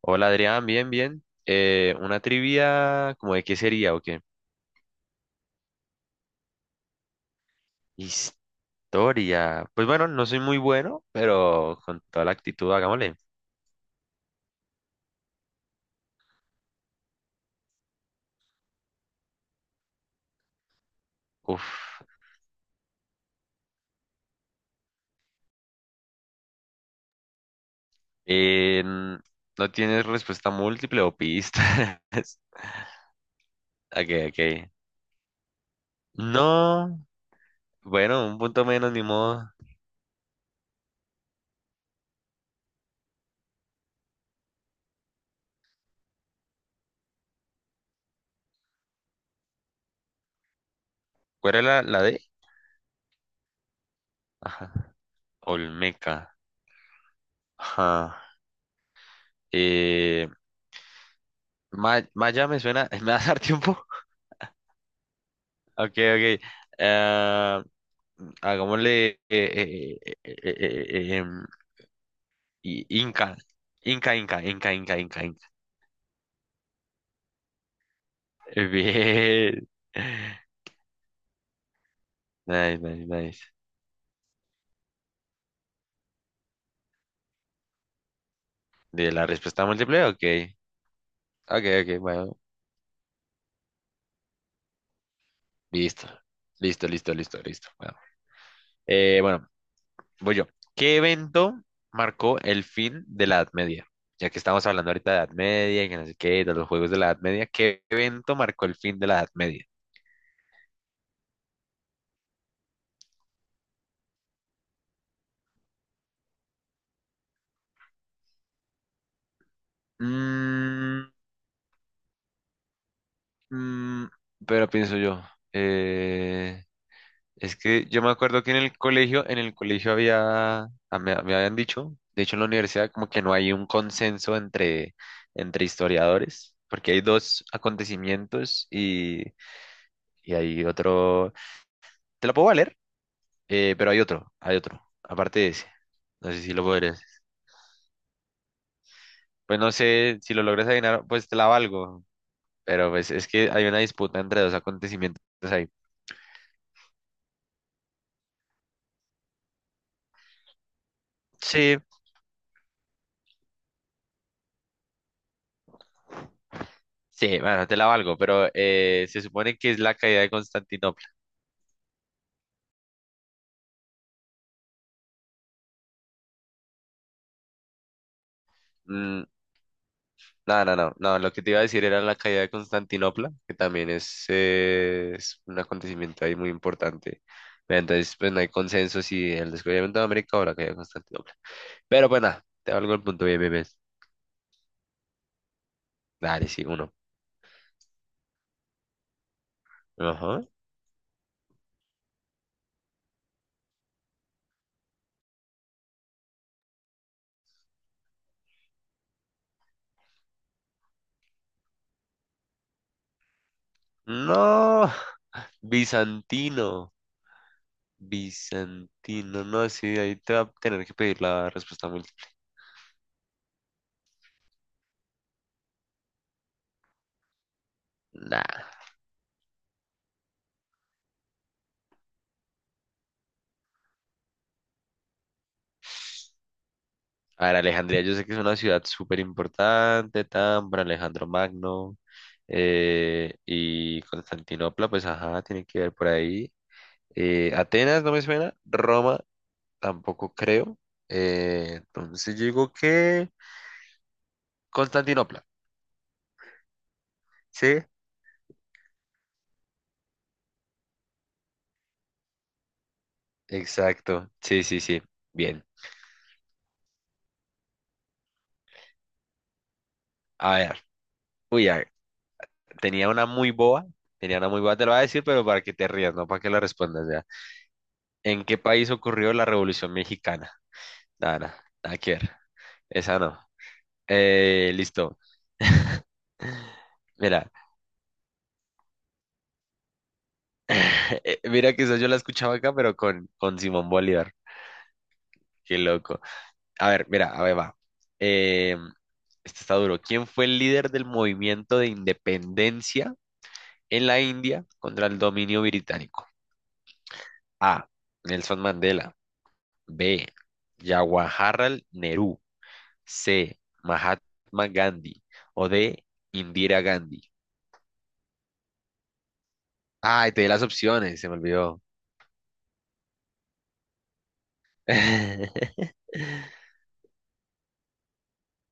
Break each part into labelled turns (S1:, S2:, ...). S1: Hola Adrián, bien, bien. Una trivia, ¿como de qué sería o qué? Historia. Pues bueno, no soy muy bueno, pero con toda la actitud, hagámosle. Uf. Eh, n- ¿No tienes respuesta múltiple o pistas? Ok, ok. No, bueno, un punto menos, ni modo. ¿Cuál era la D? Ajá. Olmeca. Ajá. Eh, Ma- Maya me suena. ¿Me vas a dar tiempo? Ok, ok. Ah, Hagámosle em, i- Inca. Inca, Inca, Inca, Inca, Inca, Inca. Bien. Nice, nice, nice. ¿De la respuesta múltiple? Ok. Ok, ok, bueno. Listo. Listo, listo, listo, listo. Bueno, Eh, bueno, voy yo. ¿Qué evento marcó el fin de la Edad Media? Ya que estamos hablando ahorita de Edad Media y que no sé qué, de los juegos de la Edad Media, ¿qué evento marcó el fin de la Edad Media? Mm, Mm, pero pienso yo, eh, es que yo me acuerdo que en el colegio había, ah, me habían dicho, de hecho en la universidad como que no hay un consenso entre, entre historiadores, porque hay dos acontecimientos y hay otro, te lo puedo valer, pero hay otro, aparte de ese, no sé si lo podrías, pues no sé si lo logras adivinar, pues te la valgo, pero pues es que hay una disputa entre dos acontecimientos ahí. Sí, sí, bueno, te la valgo, pero se supone que es la caída de Constantinopla. Mm, no, no, no, no, lo que te iba a decir era la caída de Constantinopla, que también es un acontecimiento ahí muy importante. Pero entonces, pues no hay consenso si el descubrimiento de América o la caída de Constantinopla. Pero bueno, te valgo el punto, bien, bien, bien. Dale, sí, uno. Ajá. No, bizantino, bizantino, no, sí, ahí te va a tener que pedir la respuesta múltiple. Nah. A ver, Alejandría, yo sé que es una ciudad súper importante, Tambor, Alejandro Magno, y Constantinopla, pues ajá, tiene que ver por ahí. Atenas no me suena, Roma tampoco creo. Entonces yo digo que Constantinopla. Sí. Exacto, sí, sí, sí. Bien. A ver, uy, a ver, tenía una muy boba, tenía una muy boba, te lo voy a decir, pero para que te rías, no para que la respondas ya. ¿En qué país ocurrió la Revolución Mexicana? Nada, nada, nada que ver. Esa no. Listo. Mira, mira que eso yo la escuchaba acá, pero con Simón Bolívar. Qué loco. A ver, mira, a ver, va. Eh, este está duro. ¿Quién fue el líder del movimiento de independencia en la India contra el dominio británico? A. Nelson Mandela. B. Jawaharlal Nehru. C. Mahatma Gandhi. O D. Indira Gandhi. Ay, te di las opciones, se me olvidó.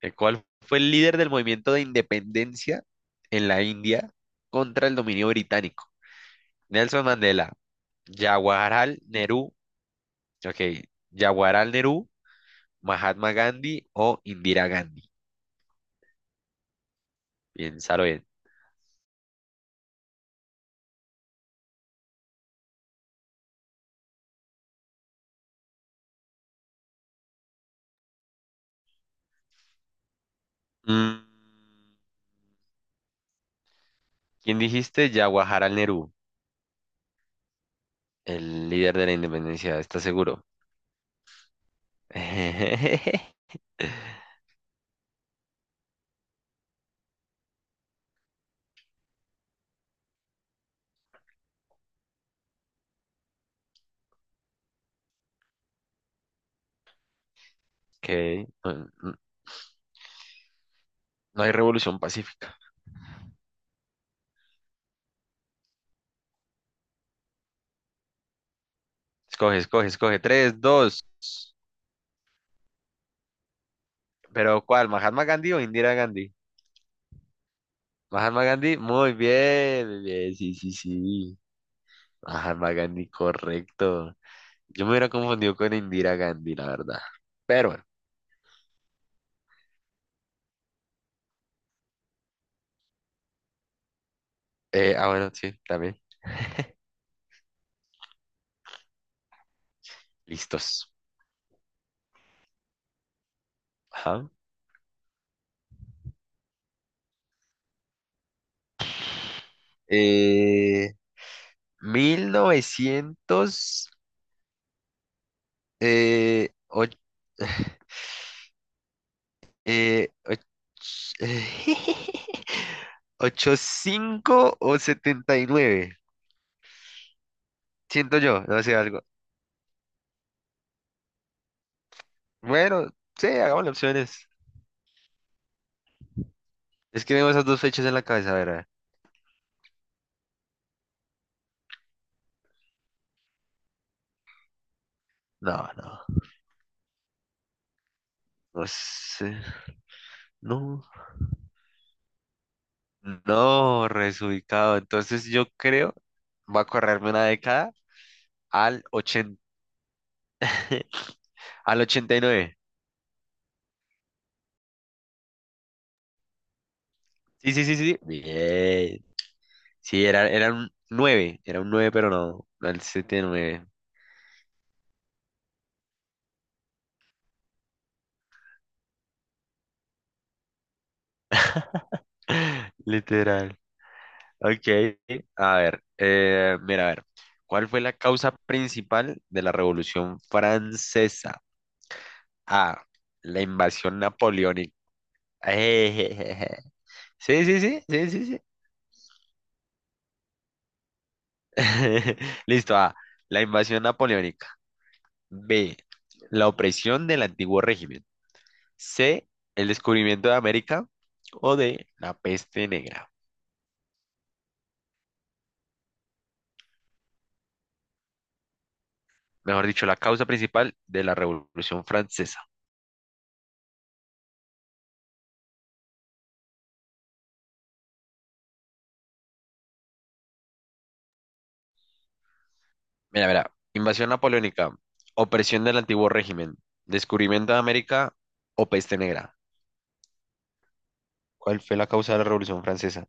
S1: El cual fue el líder del movimiento de independencia en la India contra el dominio británico. Nelson Mandela, Jawaharlal Nehru, ok, Jawaharlal Nehru, Mahatma Gandhi o Indira Gandhi. Piénsalo bien. Mm, ¿quién dijiste? Jawaharlal Nehru, el líder de la independencia, ¿estás seguro? Ok, no hay revolución pacífica. Escoge, escoge, escoge. Tres, dos. Pero ¿cuál? ¿Mahatma Gandhi o Indira Gandhi? Mahatma Gandhi, muy bien, sí, sí, sí. Mahatma Gandhi, correcto. Yo me hubiera confundido con Indira Gandhi, la verdad. Pero bueno, bueno, sí, también. Listos. Ajá. Eh, 1900 eh, och- eh, och- 85 o 79. Siento yo, no sé, algo. Bueno, sí, hagámosle opciones. Es que tengo esas dos fechas en la cabeza, a ver. A ver. No, no, no sé. No, no, resubicado. Entonces yo creo, va a correrme una década al 80 al 89. Sí, sí, sí, sí, sí. Bien. Sí, era un nueve, era un nueve, pero no, no el 79. Literal. Ok, a ver, mira, a ver. ¿Cuál fue la causa principal de la Revolución Francesa? A. La invasión napoleónica. Ejejeje. Sí, sí, sí, sí, sí, sí. Listo. A. La invasión napoleónica. B. La opresión del antiguo régimen. C. El descubrimiento de América. O D. La peste negra. Mejor dicho, la causa principal de la Revolución Francesa. Mira, mira. Invasión napoleónica. Opresión del antiguo régimen. Descubrimiento de América o peste negra. ¿Cuál fue la causa de la Revolución Francesa?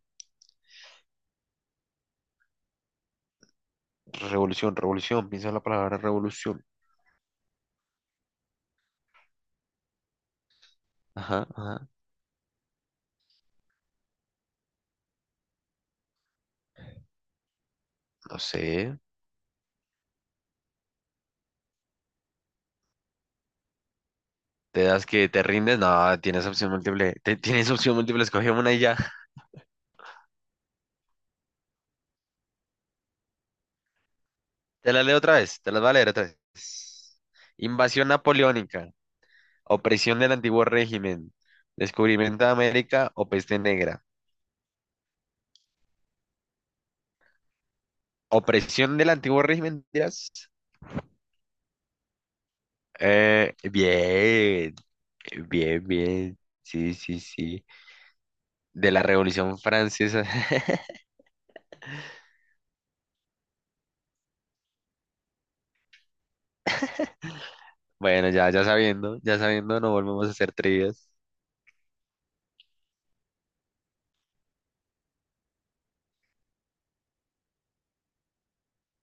S1: Revolución, revolución, piensa en la palabra revolución. Ajá, ajá, no sé. ¿Te das que te rindes? No, tienes opción múltiple. Tienes opción múltiple, escogí una y ya. Te la leo otra vez, te las voy a leer otra vez. Invasión napoleónica, opresión del antiguo régimen, descubrimiento de América o peste negra. Opresión del antiguo régimen, dirás. Bien, bien, bien. Sí, sí, sí. De la Revolución Francesa. Bueno, ya ya sabiendo, no volvemos a hacer trivias.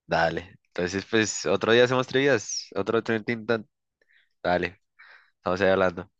S1: Dale. Entonces, pues, otro día hacemos trivias, otro, otro intento. Dale, estamos ahí hablando.